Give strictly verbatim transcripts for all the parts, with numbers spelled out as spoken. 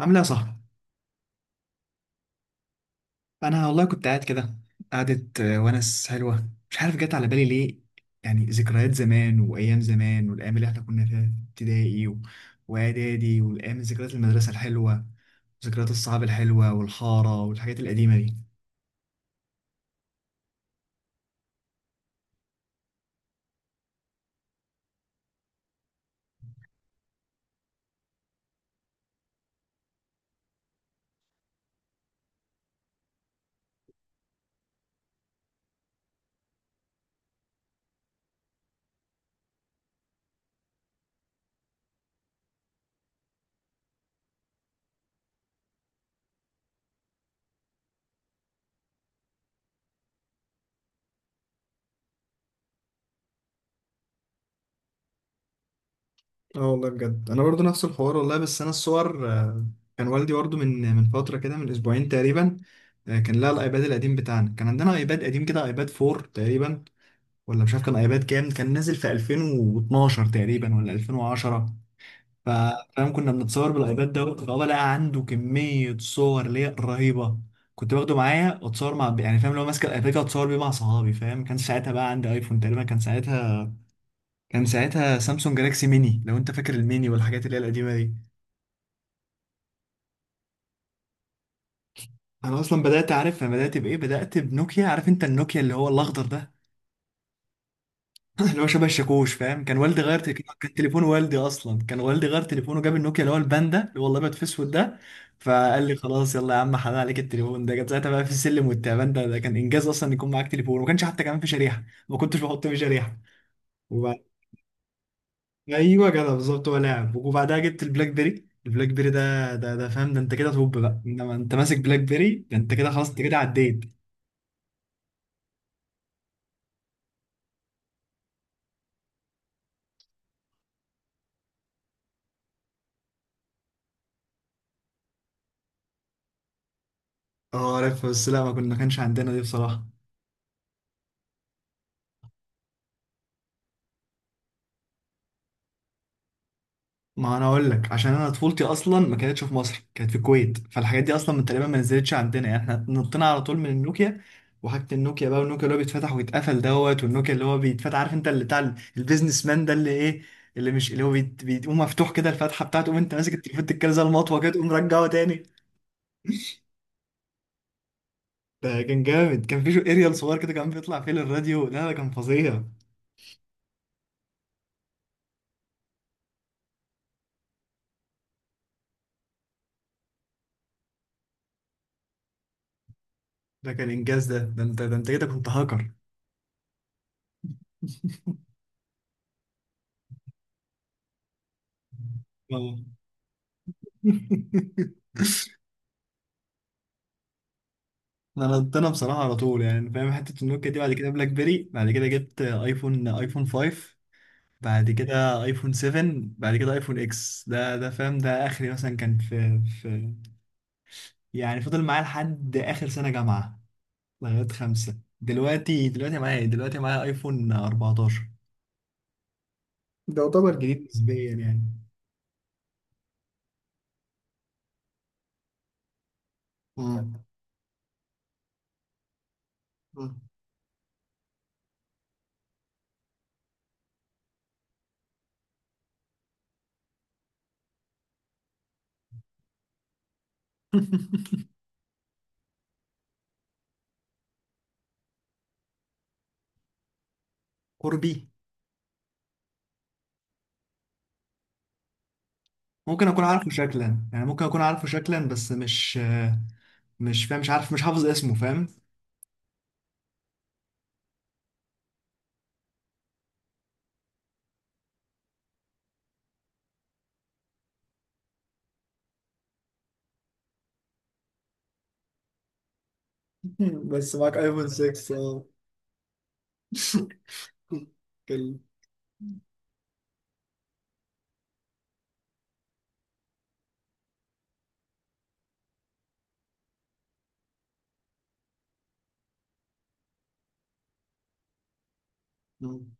عامله ايه يا صاحبي؟ انا والله كنت قاعد كده قعدة، آه، ونس حلوه، مش عارف جت على بالي ليه. يعني ذكريات زمان وايام زمان، والايام اللي احنا كنا فيها في ابتدائي و- واعدادي، والايام، ذكريات المدرسه الحلوه، ذكريات الصحاب الحلوه والحاره والحاجات القديمه دي. اه والله بجد، انا برضو نفس الحوار والله، بس انا الصور آه، كان والدي برضو من من فتره كده، من اسبوعين تقريبا. آه، كان لها الايباد القديم بتاعنا، كان عندنا ايباد قديم كده، ايباد اربع تقريبا، ولا مش عارف كان ايباد كام، كان نازل في الفين واتناشر تقريبا، ولا الفين وعشرة. ف- فاهم كنا بنتصور بالايباد دوت، فهو لقى عنده كميه صور ليا رهيبه. كنت باخده معايا واتصور مع، يعني فاهم، لو ماسك الايباد كده اتصور بيه مع صحابي، فاهم. كان ساعتها بقى عندي ايفون تقريبا، كان ساعتها كان ساعتها سامسونج جالاكسي ميني، لو انت فاكر الميني والحاجات اللي هي القديمه دي. انا اصلا بدات، عارف انا بدات بايه؟ بدات بنوكيا. عارف انت النوكيا اللي هو الاخضر ده، اللي هو شبه الشاكوش، فاهم. كان والدي غير تل- كان تليفون والدي، اصلا كان والدي غير تليفونه، جاب النوكيا اللي هو الباندا اللي هو الابيض في اسود ده. فقال لي خلاص يلا يا عم، حلال عليك التليفون ده. كان ساعتها بقى في السلم والتعبان، ده ده كان انجاز اصلا يكون معاك تليفون، وما كانش حتى كمان في شريحه، ما كنتش بحط فيه شريحه. وبعد، ايوه كده بالظبط، هو لعب. وبعدها جبت البلاك بيري، البلاك بيري ده، ده ده فاهم ده انت كده توب بقى، انما انت ماسك بلاك بيري ده، انت كده خلاص، انت كده عديت. اه عارف، بس لا ما كنا ما كانش عندنا دي بصراحه. ما انا اقول لك، عشان انا طفولتي اصلا ما كانتش في مصر، كانت في الكويت، فالحاجات دي اصلا من تقريبا ما نزلتش عندنا. يعني احنا نطينا على طول من النوكيا وحاجه، النوكيا بقى، والنوكيا اللي هو بيتفتح ويتقفل دوت، والنوكيا اللي هو بيتفتح، عارف انت اللي بتاع ال- البيزنس مان ده، اللي ايه، اللي مش، اللي هو بيت- بيقوم مفتوح كده الفتحه بتاعته، وانت ماسك التليفون تتكلم زي المطوه كده، تقوم رجعه تاني. ده كان جامد، كان في شو اريال صغير كده كان بيطلع فيه للراديو، لا ده كان فظيع. ده كان انجاز، ده ده انت ده انت كده كنت هاكر. آه. انا انا بصراحه على طول، يعني فاهم، حته النوكيا دي، بعد كده بلاك بيري، بعد كده جبت ايفون، ايفون خمسة. بعد كده ايفون سبعة. بعد كده ايفون اكس، ده ده فاهم ده اخري مثلا. كان في في يعني فضل معايا لحد اخر سنه جامعه، لغايه خمسه. دلوقتي، دلوقتي معايا إيه؟ دلوقتي معايا ايفون اربعة عشر، جديد نسبيا يعني. مم. مم. قربي. ممكن اكون عارفه شكلا، يعني ممكن اكون عارفه شكلا بس مش، مش فاهم، مش عارف، مش حافظ اسمه، فاهم. بس معاك ايفون ستة اه. كل- مم.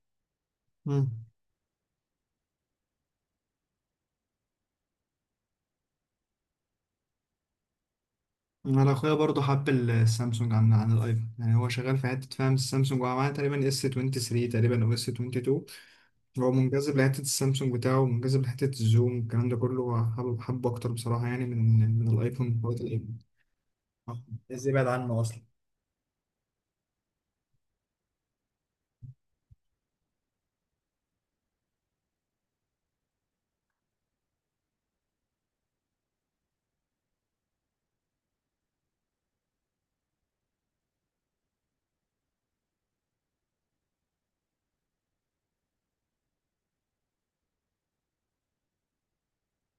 انا اخويا برضه حب السامسونج عن عن الايفون، يعني هو شغال في حته، فاهم، السامسونج هو معاه تقريبا اس تلاتة وعشرين تقريبا، او اس اتنين وعشرين. هو منجذب لحته السامسونج بتاعه، منجذب لحته الزوم، الكلام ده كله، هو حابب حبه اكتر بصراحه يعني من من الايفون، وقت الايفون. ازاي بعد عنه اصلا؟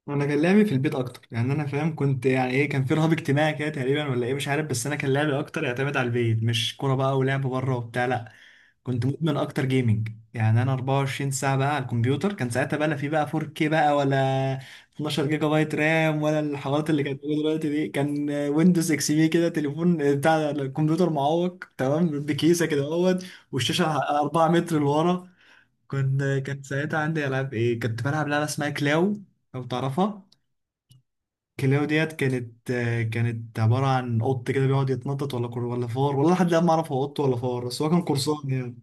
انا كان لعبي في البيت اكتر، يعني انا فاهم كنت، يعني ايه، كان في رهاب اجتماعي كده تقريبا، ولا ايه مش عارف، بس انا كان لعبي اكتر يعتمد على البيت، مش كوره بقى ولعب بره وبتاع، لا. كنت مدمن اكتر جيمنج، يعني انا اربعة وعشرين ساعة ساعه بقى على الكمبيوتر. كان ساعتها بقى، لا في بقى فور كيه بقى، ولا اثنا عشر جيجا بايت رام، ولا الحوارات اللي كانت موجوده دلوقتي دي. كان ويندوز اكس بي كده، تليفون بتاع الكمبيوتر معوق تمام، بكيسه كده اهوت، والشاشه 4 متر لورا. كنت، كانت ساعتها عندي العاب ايه، كنت بلعب لعبه اسمها كلاو، لو تعرفها. كلاو ديت كانت، آه، كانت عبارة عن قط كده بيقعد يتنطط، ولا كر ولا فار والله، لحد الآن ما أعرف هو قط ولا فار، بس هو كان قرصان يعني.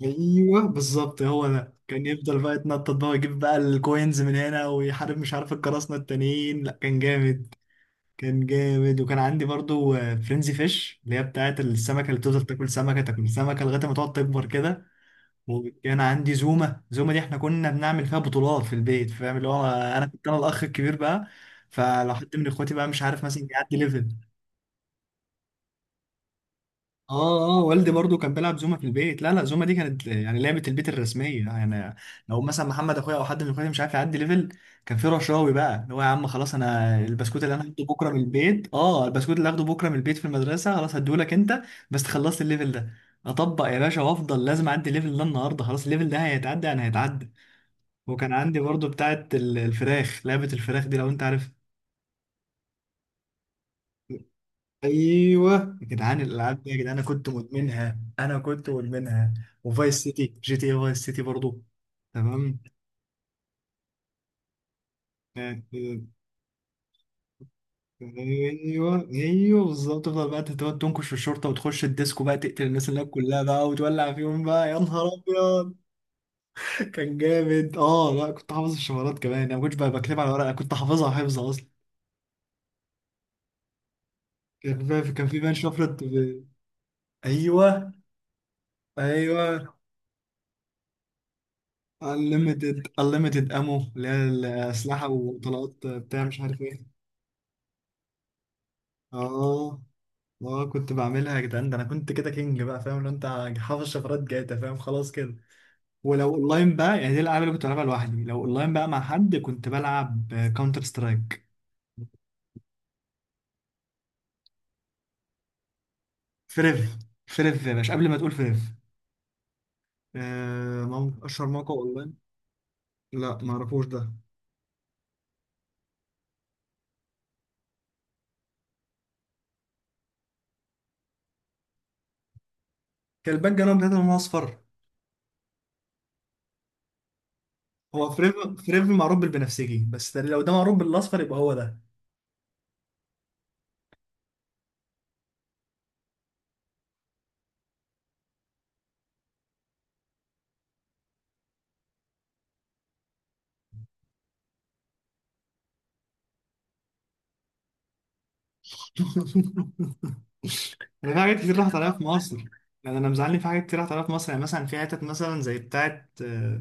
أيوه بالظبط، هو ده كان يفضل بقى يتنطط بقى ويجيب بقى الكوينز من هنا، ويحارب مش عارف القراصنة التانيين، لا كان جامد. كان جامد. وكان عندي برضو فرينزي فيش، اللي هي بتاعت السمكة، اللي بتفضل تاكل سمكة تاكل سمكة لغاية ما تقعد تكبر كده. وكان عندي زومه، زومه دي احنا كنا بنعمل فيها بطولات في البيت، فاهم، اللي هو انا كنت، انا الاخ الكبير بقى. فلو حد من اخواتي بقى مش عارف مثلا يعدي ليفل. اه اه، والدي برضو كان بيلعب زومه في البيت. لا لا، زومه دي كانت يعني لعبه البيت الرسميه يعني. لو مثلا محمد اخويا او حد من اخواتي مش عارف يعدي ليفل، كان في رشاوي بقى، اللي هو يا عم خلاص، انا البسكوت اللي انا هاخده بكره من البيت، اه البسكوت اللي هاخده بكره من البيت في المدرسه، خلاص هديهولك انت بس خلصت الليفل ده. اطبق يا باشا، وافضل لازم اعدي الليفل ده النهارده، خلاص الليفل ده هيتعدى، انا هيتعدى. وكان عندي برضه بتاعة ال- الفراخ، لعبة الفراخ دي لو انت عارف. ايوه. يا جدعان الالعاب دي، يا جدعان انا كنت مدمنها، انا كنت مدمنها. وفايس سيتي، جي تي اي فايس سيتي برضه. تمام. آه، آه، ايوه ايوه بالظبط، تفضل بقى تقعد تنكش في الشرطه، وتخش الديسكو بقى، تقتل الناس اللي هناك كلها بقى، وتولع فيهم بقى، يا نهار ابيض. كان جامد. اه لا كنت حافظ الشفرات كمان، انا ما كنتش بقى بكتبها على ورقه، كنت حافظها حفظ اصلا. كان في كان في بان شفرة. ايوه ايوه. unlimited unlimited امو، اللي هي الاسلحه وطلقات بتاع مش عارف ايه. اه اه، كنت بعملها يا جدعان، ده انا كنت كده كينج بقى، فاهم، لو انت حافظ شفرات جاتا فاهم خلاص كده. ولو اونلاين بقى، يعني دي الالعاب اللي كنت بلعبها لوحدي، لو اونلاين بقى مع حد كنت بلعب كاونتر سترايك. فريف. فريف يا باشا قبل ما تقول فريف. آه، مم- اشهر موقع اونلاين. لا ما اعرفوش ده. كان الباك جراوند بتاعته لونه اصفر. هو فريف. فريف معروف بالبنفسجي، بس لو ده معروف بالاصفر يبقى هو ده. انا في حاجات كتير راحت عليا في مصر، يعني انا مزعلني في حاجات كتير راحت عليا في مصر، يعني مثلا في حتت، مثلا زي بتاعت، آه،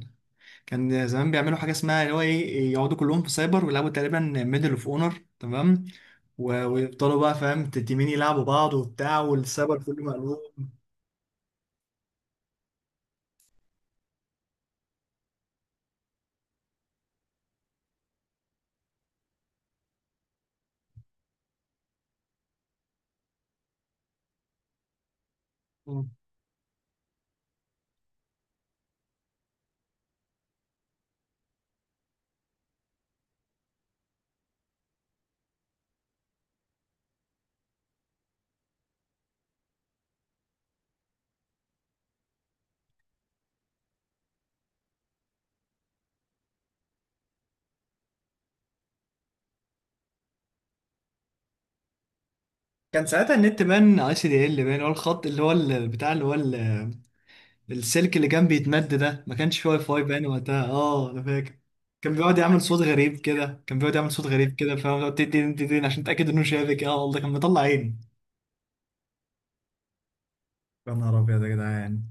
كان زمان بيعملوا حاجه اسمها اللي هو ايه، يقعدوا كلهم في سايبر ويلعبوا تقريبا ميدل اوف اونر، تمام. و- ويفضلوا بقى فاهم تيمين يلعبوا بعض وبتاع، والسايبر كله مقلوب. كان ساعتها النت بان اي سي دي ال بان، اللي هو الخط، اللي هو ال- بتاع، اللي هو السلك اللي كان بيتمد ده، ما كانش فيه واي فاي باين وقتها، اه انا فاكر. كان بيقعد يعمل صوت غريب كده، كان بيقعد يعمل صوت غريب كده فاهم، تدين تدين عشان تتاكد انه شافك، اه والله كان مطلع عيني. يا نهار ابيض يا جدعان.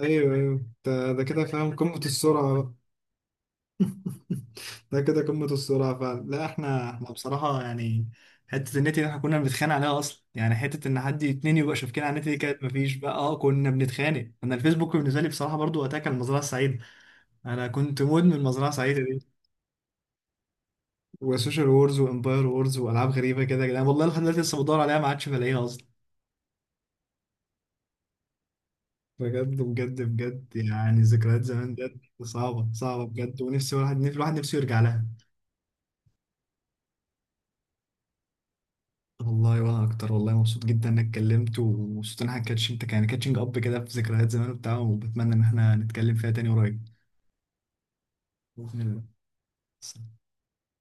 ايوه ايوه، ده ده كده فاهم قمه السرعه بقى. ده كده قمه السرعه فعلا. لا احنا احنا بصراحه يعني حته النت دي احنا كنا بنتخانق عليها اصلا، يعني حته ان حد اتنين يبقى شافكين على النت دي، كانت مفيش بقى، اه كنا بنتخانق. انا الفيسبوك بالنسبه لي بصراحه برضو وقتها كان المزرعه السعيده، انا كنت مدمن مزرعه سعيده، وسوشيال وورز وامباير وورز والعاب غريبه كده يا جدعان، والله لحد دلوقتي لسه بدور عليها، ما عادش بلاقيها اصلا. بجد بجد بجد، يعني ذكريات زمان بجد، صعبه صعبه بجد، ونفسي واحد، نفسي الواحد نفسه يرجع لها. والله وانا اكتر والله، مبسوط جدا انك اتكلمت، ومبسوط ان احنا كاتش انت، يعني كاتشنج اب كده في ذكريات زمان وبتاع، وبتمنى ان احنا نتكلم فيها تاني قريب. باذن الله.